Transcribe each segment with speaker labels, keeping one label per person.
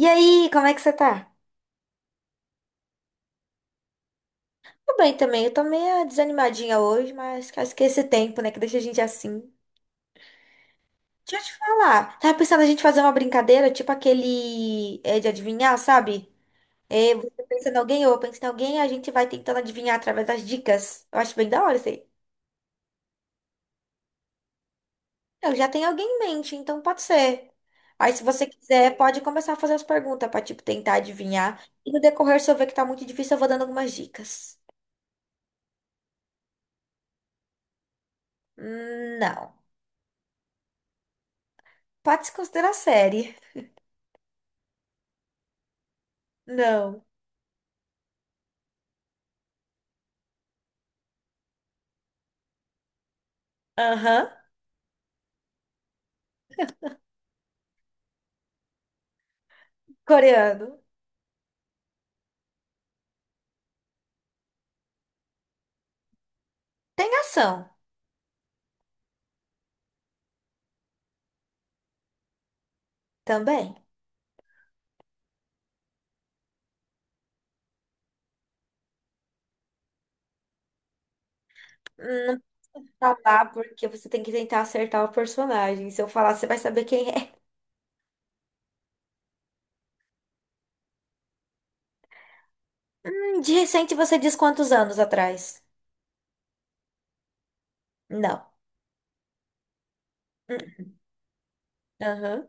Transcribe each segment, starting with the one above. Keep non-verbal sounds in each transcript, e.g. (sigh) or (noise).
Speaker 1: E aí, como é que você tá? Tô bem também. Eu tô meio desanimadinha hoje, mas acho que é esse tempo, né, que deixa a gente assim. Deixa eu te falar. Tava pensando a gente fazer uma brincadeira, tipo aquele de adivinhar, sabe? É, você pensa em alguém, ou eu penso em alguém, a gente vai tentando adivinhar através das dicas. Eu acho bem da hora isso aí. Eu já tenho alguém em mente, então pode ser. Aí, se você quiser, pode começar a fazer as perguntas pra, tipo, tentar adivinhar. E no decorrer, se eu ver que tá muito difícil, eu vou dando algumas dicas. Não. Pode se considerar série. Não. Aham. Coreano. Tem ação também. Não vou falar porque você tem que tentar acertar o personagem. Se eu falar, você vai saber quem é. De recente você diz quantos anos atrás? Não. Hum. Aham.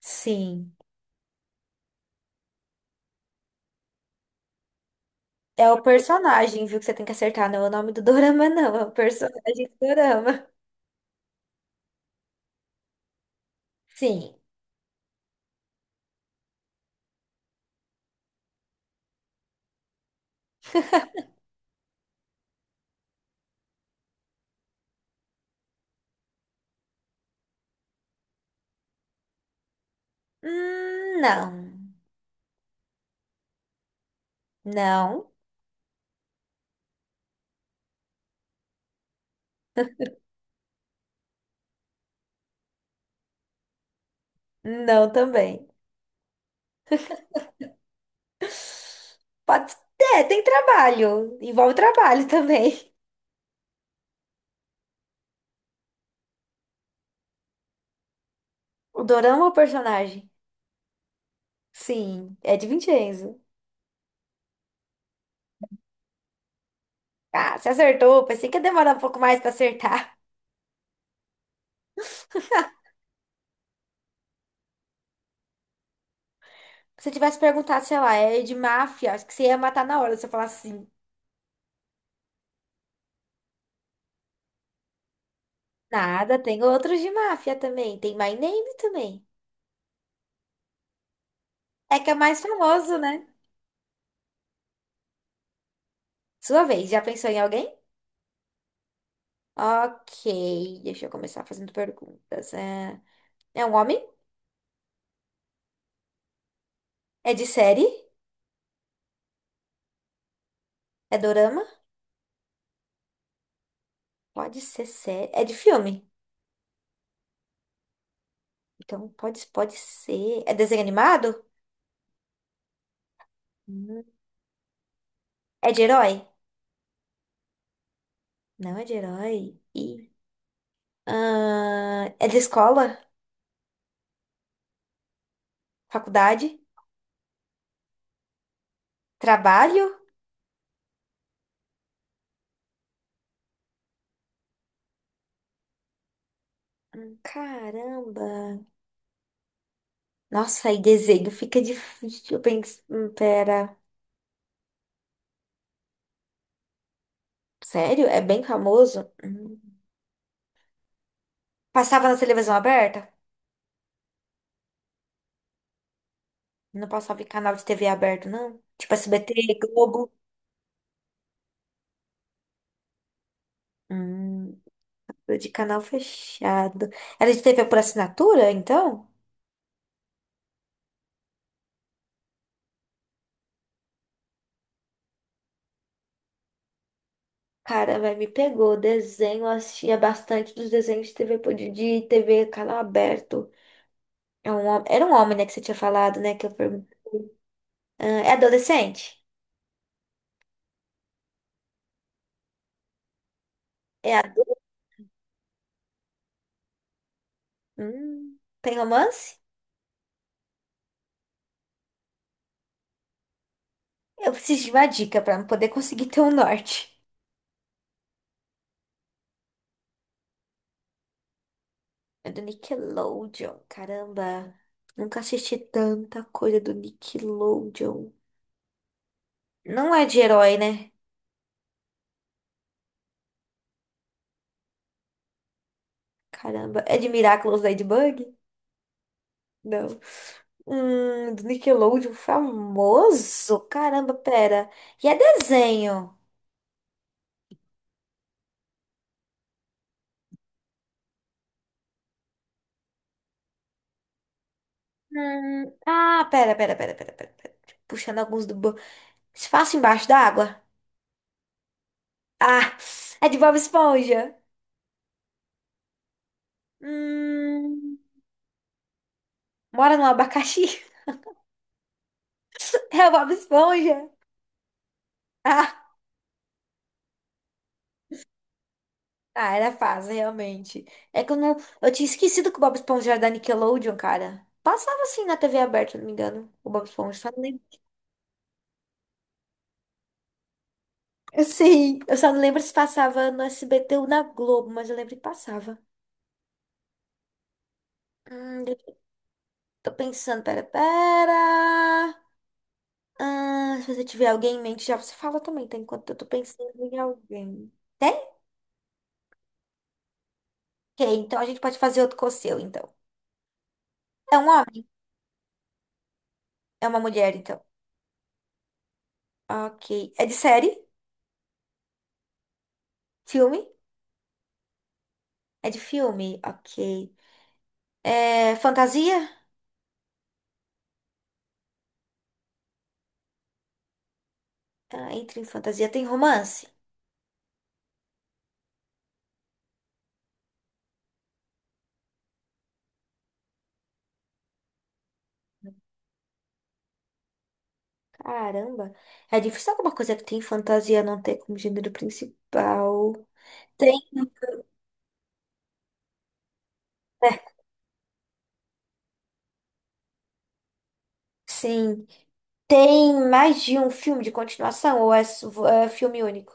Speaker 1: Sim. É o personagem, viu, que você tem que acertar. Não é o nome do dorama, não. É o personagem do dorama. Sim. Não. Não. Não também. Pode... É, tem trabalho. Envolve trabalho também. O Dorama é o personagem? Sim, é de Vincenzo. Ah, você acertou. Pensei que ia demorar um pouco mais pra acertar. (laughs) Se eu tivesse perguntado, sei lá, é de máfia, acho que você ia matar na hora se eu falasse sim. Nada, tem outros de máfia também. Tem My Name também. É que é mais famoso, né? Sua vez, já pensou em alguém? Ok, deixa eu começar fazendo perguntas. É, é um homem? É de série? É dorama? Pode ser série. É de filme? Então pode ser. É desenho animado? Hum. É de herói? Não é de herói? E ah, é de escola? Faculdade? Trabalho? Caramba! Nossa, aí desenho fica difícil. Bem... pera. Sério? É bem famoso? Hum. Passava na televisão aberta? Não passava em canal de TV aberto, não? Tipo SBT, Globo? Hum, de canal fechado. Era de TV por assinatura, então? Cara, vai me pegou. Desenho, eu assistia bastante dos desenhos de TV, de TV, canal aberto. É um, era um homem, né, que você tinha falado, né? Ah, é adolescente? É adulto? Hum, tem romance? Eu preciso de uma dica pra poder conseguir ter um norte. É do Nickelodeon. Caramba, nunca assisti tanta coisa do Nickelodeon. Não é de herói, né? Caramba, é de Miraculous Ladybug? Não. Do Nickelodeon famoso? Caramba, pera. E é desenho? Ah, pera. Puxando alguns do espaço embaixo da água. Ah, é de Bob Esponja. Hum, mora no abacaxi? (laughs) É o Bob Esponja. Ah, ah, era fácil, realmente. É que eu não. Eu tinha esquecido que o Bob Esponja era da Nickelodeon, cara. Passava assim na TV aberta, se não me engano. O Bob Esponja. Só não lembro. Eu sei. Eu só não lembro se passava no SBT ou na Globo, mas eu lembro que passava. Deixa eu- tô pensando, pera. Ah, se você tiver alguém em mente, já você fala também, tá? Enquanto eu tô pensando em alguém. Tem? Ok, então a gente pode fazer outro com o seu, então. É um homem? É uma mulher, então. Ok. É de série? Filme? É de filme? Ok. É fantasia? Ah, entra em fantasia. Tem romance? Caramba. É difícil alguma coisa que tem fantasia não ter como gênero principal. Tem. É, sim. Tem mais de um filme de continuação ou é filme único?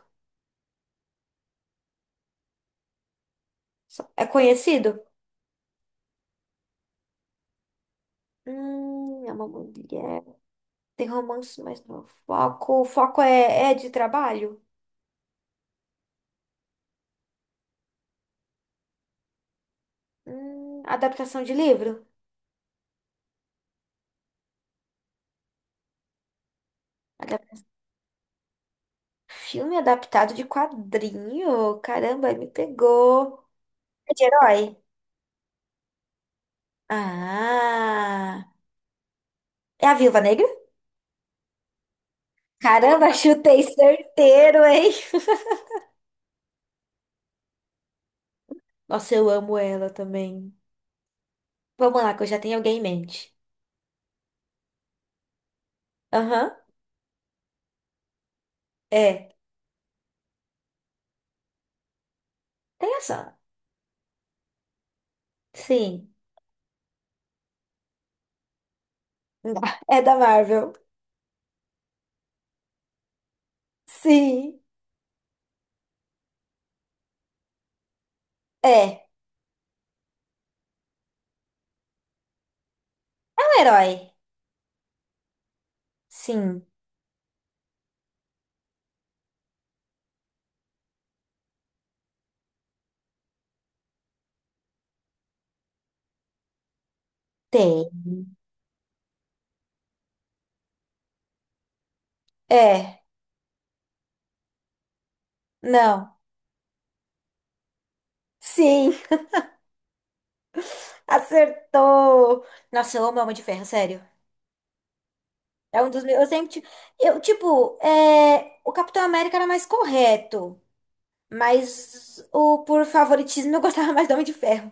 Speaker 1: É conhecido? É uma mulher. Tem romance, mas não é foco. O foco é, é de trabalho? Adaptação de livro? Adap- Filme adaptado de quadrinho? Caramba, aí me pegou. É de herói? Ah, é a Viúva Negra? Caramba, (laughs) chutei certeiro, hein? (laughs) Nossa, eu amo ela também. Vamos lá, que eu já tenho alguém em mente. Aham, é. Tem ação. Sim. (laughs) É da Marvel. Sim. É. É um herói. Sim. Tem. É. Não. Sim. (laughs) Acertou! Nossa, eu amo Homem de Ferro, sério. É um dos meus. Eu, tipo, é... o Capitão América era mais correto. Mas o por favoritismo eu (laughs) gostava mais do Homem de Ferro.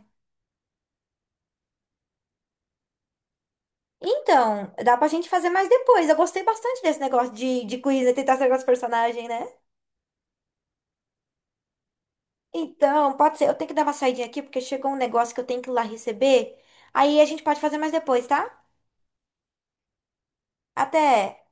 Speaker 1: Então, dá pra gente fazer mais depois. Eu gostei bastante desse negócio de quiz, né? Tentar acertar os personagens, né? Então, pode ser. Eu tenho que dar uma saidinha aqui, porque chegou um negócio que eu tenho que ir lá receber. Aí a gente pode fazer mais depois, tá? Até!